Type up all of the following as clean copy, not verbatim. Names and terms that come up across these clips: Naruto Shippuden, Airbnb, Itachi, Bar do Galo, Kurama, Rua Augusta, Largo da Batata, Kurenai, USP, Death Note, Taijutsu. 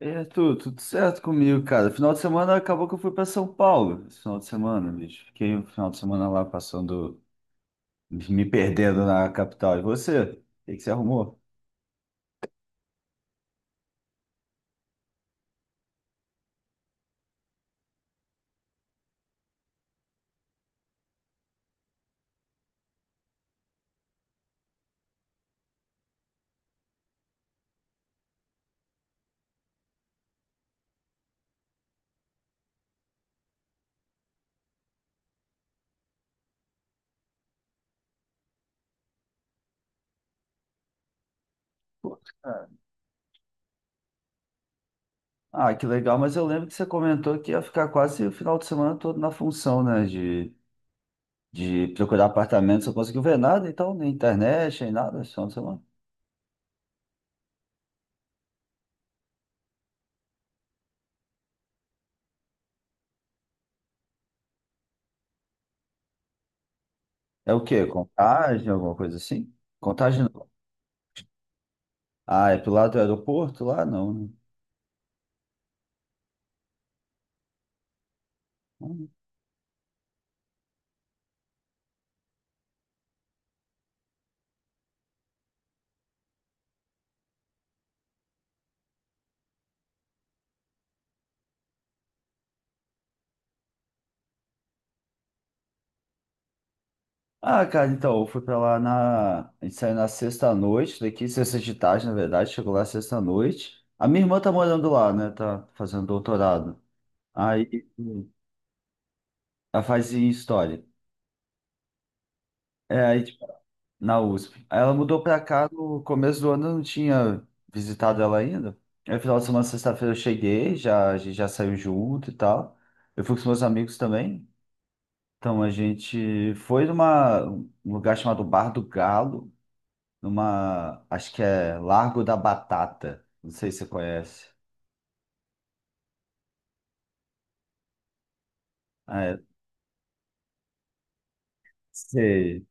E Arthur, tudo certo comigo, cara. Final de semana acabou que eu fui para São Paulo. Esse final de semana, bicho. Fiquei o final de semana lá passando, me perdendo na capital. E você? O que que você arrumou? Pô, cara. Ah, que legal, mas eu lembro que você comentou que ia ficar quase o final de semana todo na função, né? De procurar apartamento. Você não conseguiu ver nada, então, nem internet, nem nada, esse final de semana. É o quê? Contagem, alguma coisa assim? Contagem não. Ah, é pro lado do aeroporto lá? Não, né? Ah, cara, então, eu fui pra lá na. A gente saiu na sexta-noite daqui, sexta de tarde, na verdade, chegou lá sexta-noite. A minha irmã tá morando lá, né? Tá fazendo doutorado. Aí ela faz em história. É, aí, tipo, na USP. Aí ela mudou pra cá no começo do ano, eu não tinha visitado ela ainda. Aí, final de semana, sexta-feira, eu cheguei, já, a gente já saiu junto e tal. Eu fui com os meus amigos também. Então, a gente foi numa, um lugar chamado Bar do Galo. Numa, acho que é Largo da Batata. Não sei se você conhece. Ah, é, sei.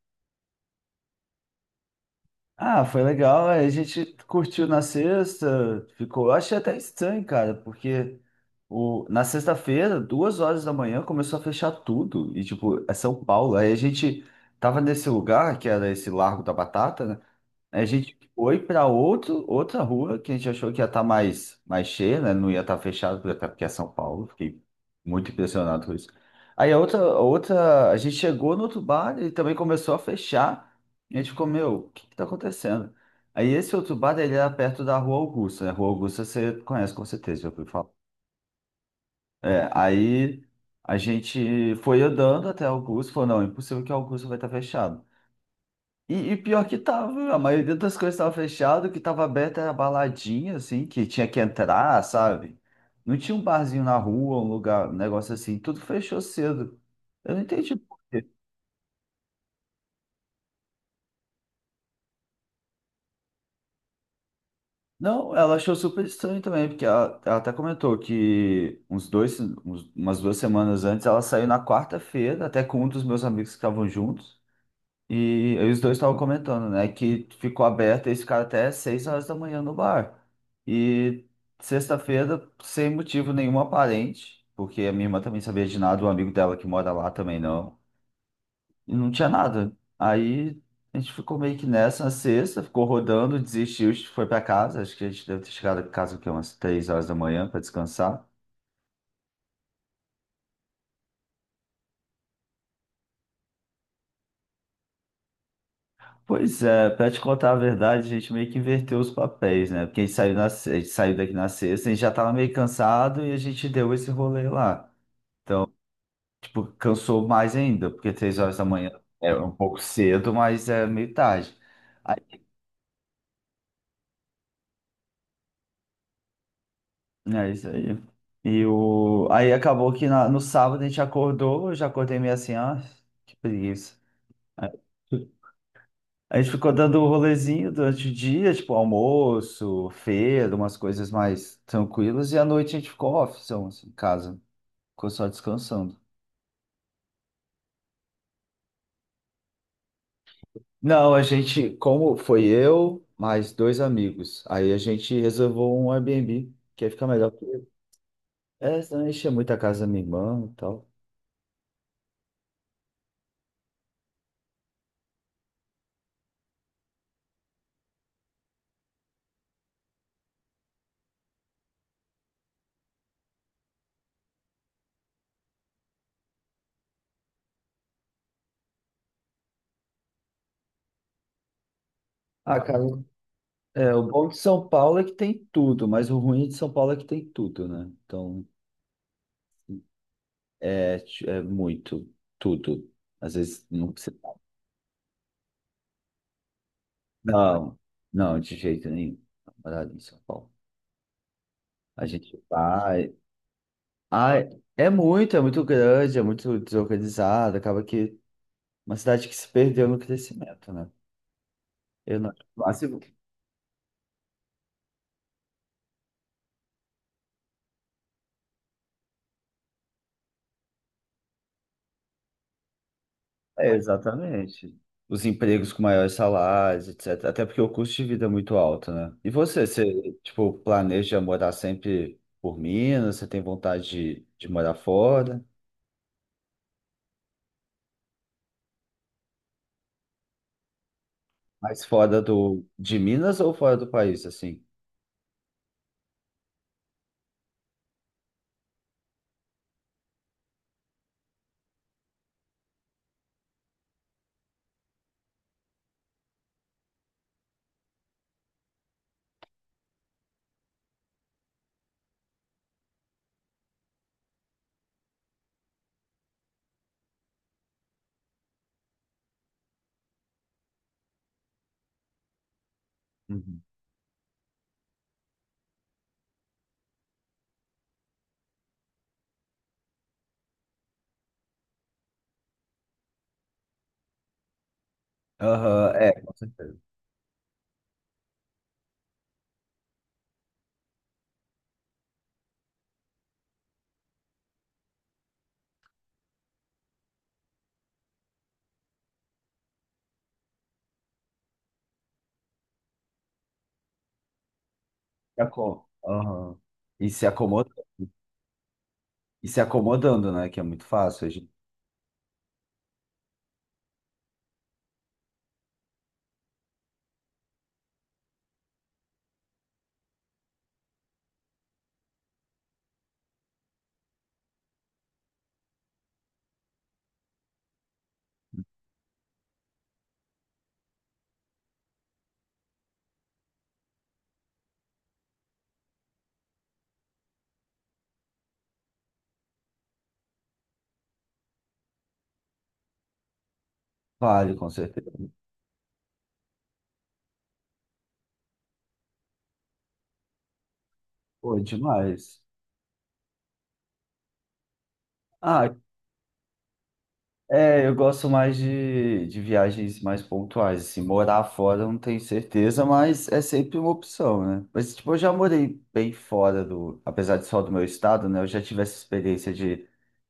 Ah, foi legal. É, a gente curtiu na sexta, ficou. Eu achei até estranho, cara, porque o, na sexta-feira, duas horas da manhã, começou a fechar tudo. E, tipo, é São Paulo. Aí a gente tava nesse lugar, que era esse Largo da Batata, né? A gente foi para outro, outra rua que a gente achou que ia estar mais cheia, né? Não ia estar fechado, porque até porque é São Paulo. Fiquei muito impressionado com isso. Aí a gente chegou no outro bar, ele também começou a fechar. E a gente ficou, meu, o que que tá acontecendo? Aí esse outro bar, ele era perto da Rua Augusta, né? Rua Augusta você conhece com certeza, já ouviu falar. É, aí a gente foi andando até Augusto, falou, não, é impossível que Augusto vai estar fechado. E, pior que tava, a maioria das coisas tava fechado, o que tava aberto era baladinha, assim, que tinha que entrar, sabe? Não tinha um barzinho na rua, um lugar, um negócio assim, tudo fechou cedo. Eu não entendi por quê. Não, ela achou super estranho também, porque ela até comentou que uns dois, umas duas semanas antes, ela saiu na quarta-feira, até com um dos meus amigos que estavam juntos. E, aí os dois estavam comentando, né? Que ficou aberto esse cara até 6 horas da manhã no bar. E sexta-feira, sem motivo nenhum aparente, porque a minha irmã também sabia de nada, o amigo dela que mora lá também não. E não tinha nada. Aí a gente ficou meio que nessa na sexta, ficou rodando, desistiu, foi pra casa. Acho que a gente deve ter chegado em casa o quê? Umas 3 horas da manhã para descansar. Pois é, pra te contar a verdade, a gente meio que inverteu os papéis, né? Porque a gente saiu, na, a gente saiu daqui na sexta, a gente já tava meio cansado e a gente deu esse rolê lá. Tipo, cansou mais ainda, porque três horas da manhã é um pouco cedo, mas é meio tarde. Aí, né, é isso aí. E o, aí acabou que no sábado a gente acordou, eu já acordei meio assim, ah, que preguiça. A gente ficou dando um rolezinho durante o dia, tipo almoço, feira, umas coisas mais tranquilas, e à noite a gente ficou off, são, assim, em casa, ficou só descansando. Não, a gente, como foi eu, mais dois amigos, aí a gente reservou um Airbnb, que aí fica melhor. Porque é, senão enchia muito a casa da minha irmã e tal. Ah, cara, é, o bom de São Paulo é que tem tudo, mas o ruim de São Paulo é que tem tudo, né? Então, é, é muito, tudo. Às vezes não. Não, não, de jeito nenhum. Namorada em São Paulo. A gente vai. Ai, é muito grande, é muito desorganizado. Acaba que uma cidade que se perdeu no crescimento, né? Eu não acho máximo. É, exatamente. Os empregos com maiores salários, etc. Até porque o custo de vida é muito alto, né? E você, tipo, planeja morar sempre por Minas? Você tem vontade de morar fora? Mas fora do, de Minas ou fora do país, assim? Aham, é, com certeza. Se aco- Aham. E se acomoda, e se acomodando, né? Que é muito fácil. A gente vale, com certeza. Pô, é demais. Ah, é, eu gosto mais de viagens mais pontuais. Assim, morar fora eu não tenho certeza, mas é sempre uma opção, né? Mas, tipo, eu já morei bem fora do, apesar de só do meu estado, né? Eu já tive essa experiência de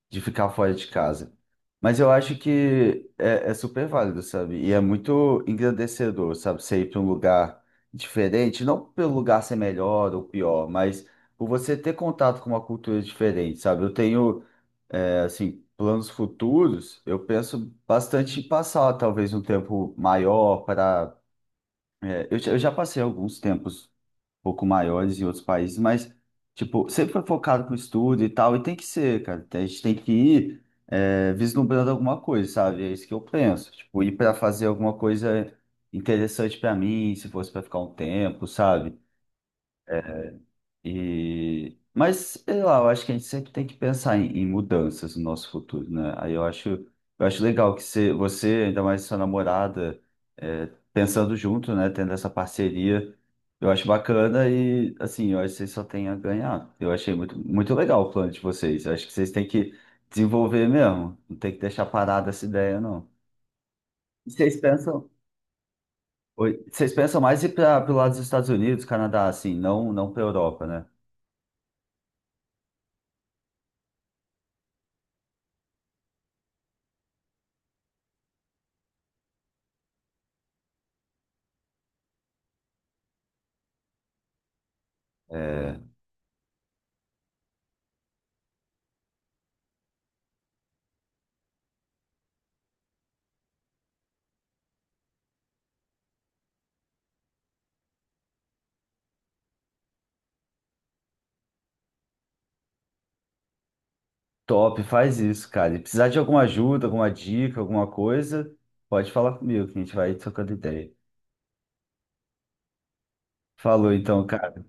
de ficar fora de casa. Mas eu acho que é, é super válido, sabe? E é muito engrandecedor, sabe? Você ir para um lugar diferente, não pelo lugar ser melhor ou pior, mas por você ter contato com uma cultura diferente, sabe? Eu tenho, é, assim, planos futuros, eu penso bastante em passar talvez um tempo maior para. É, eu já passei alguns tempos pouco maiores em outros países, mas, tipo, sempre foi focado pro estudo e tal, e tem que ser, cara. A gente tem que ir é, vislumbrando alguma coisa, sabe? É isso que eu penso. Tipo, ir para fazer alguma coisa interessante para mim, se fosse para ficar um tempo, sabe? E, mas, sei lá, eu acho que a gente sempre tem que pensar em, em mudanças no nosso futuro, né? Aí eu acho legal que você, ainda mais sua namorada, é, pensando junto, né? Tendo essa parceria, eu acho bacana e, assim, eu acho que vocês só têm a ganhar. Eu achei muito legal o plano de vocês. Eu acho que vocês têm que desenvolver mesmo. Não tem que deixar parada essa ideia, não. E vocês pensam, oi, vocês pensam mais ir para o lado dos Estados Unidos, Canadá, assim, não, não para Europa, né? É, top, faz isso, cara. E precisar de alguma ajuda, alguma dica, alguma coisa, pode falar comigo, que a gente vai trocando ideia. Falou então, cara.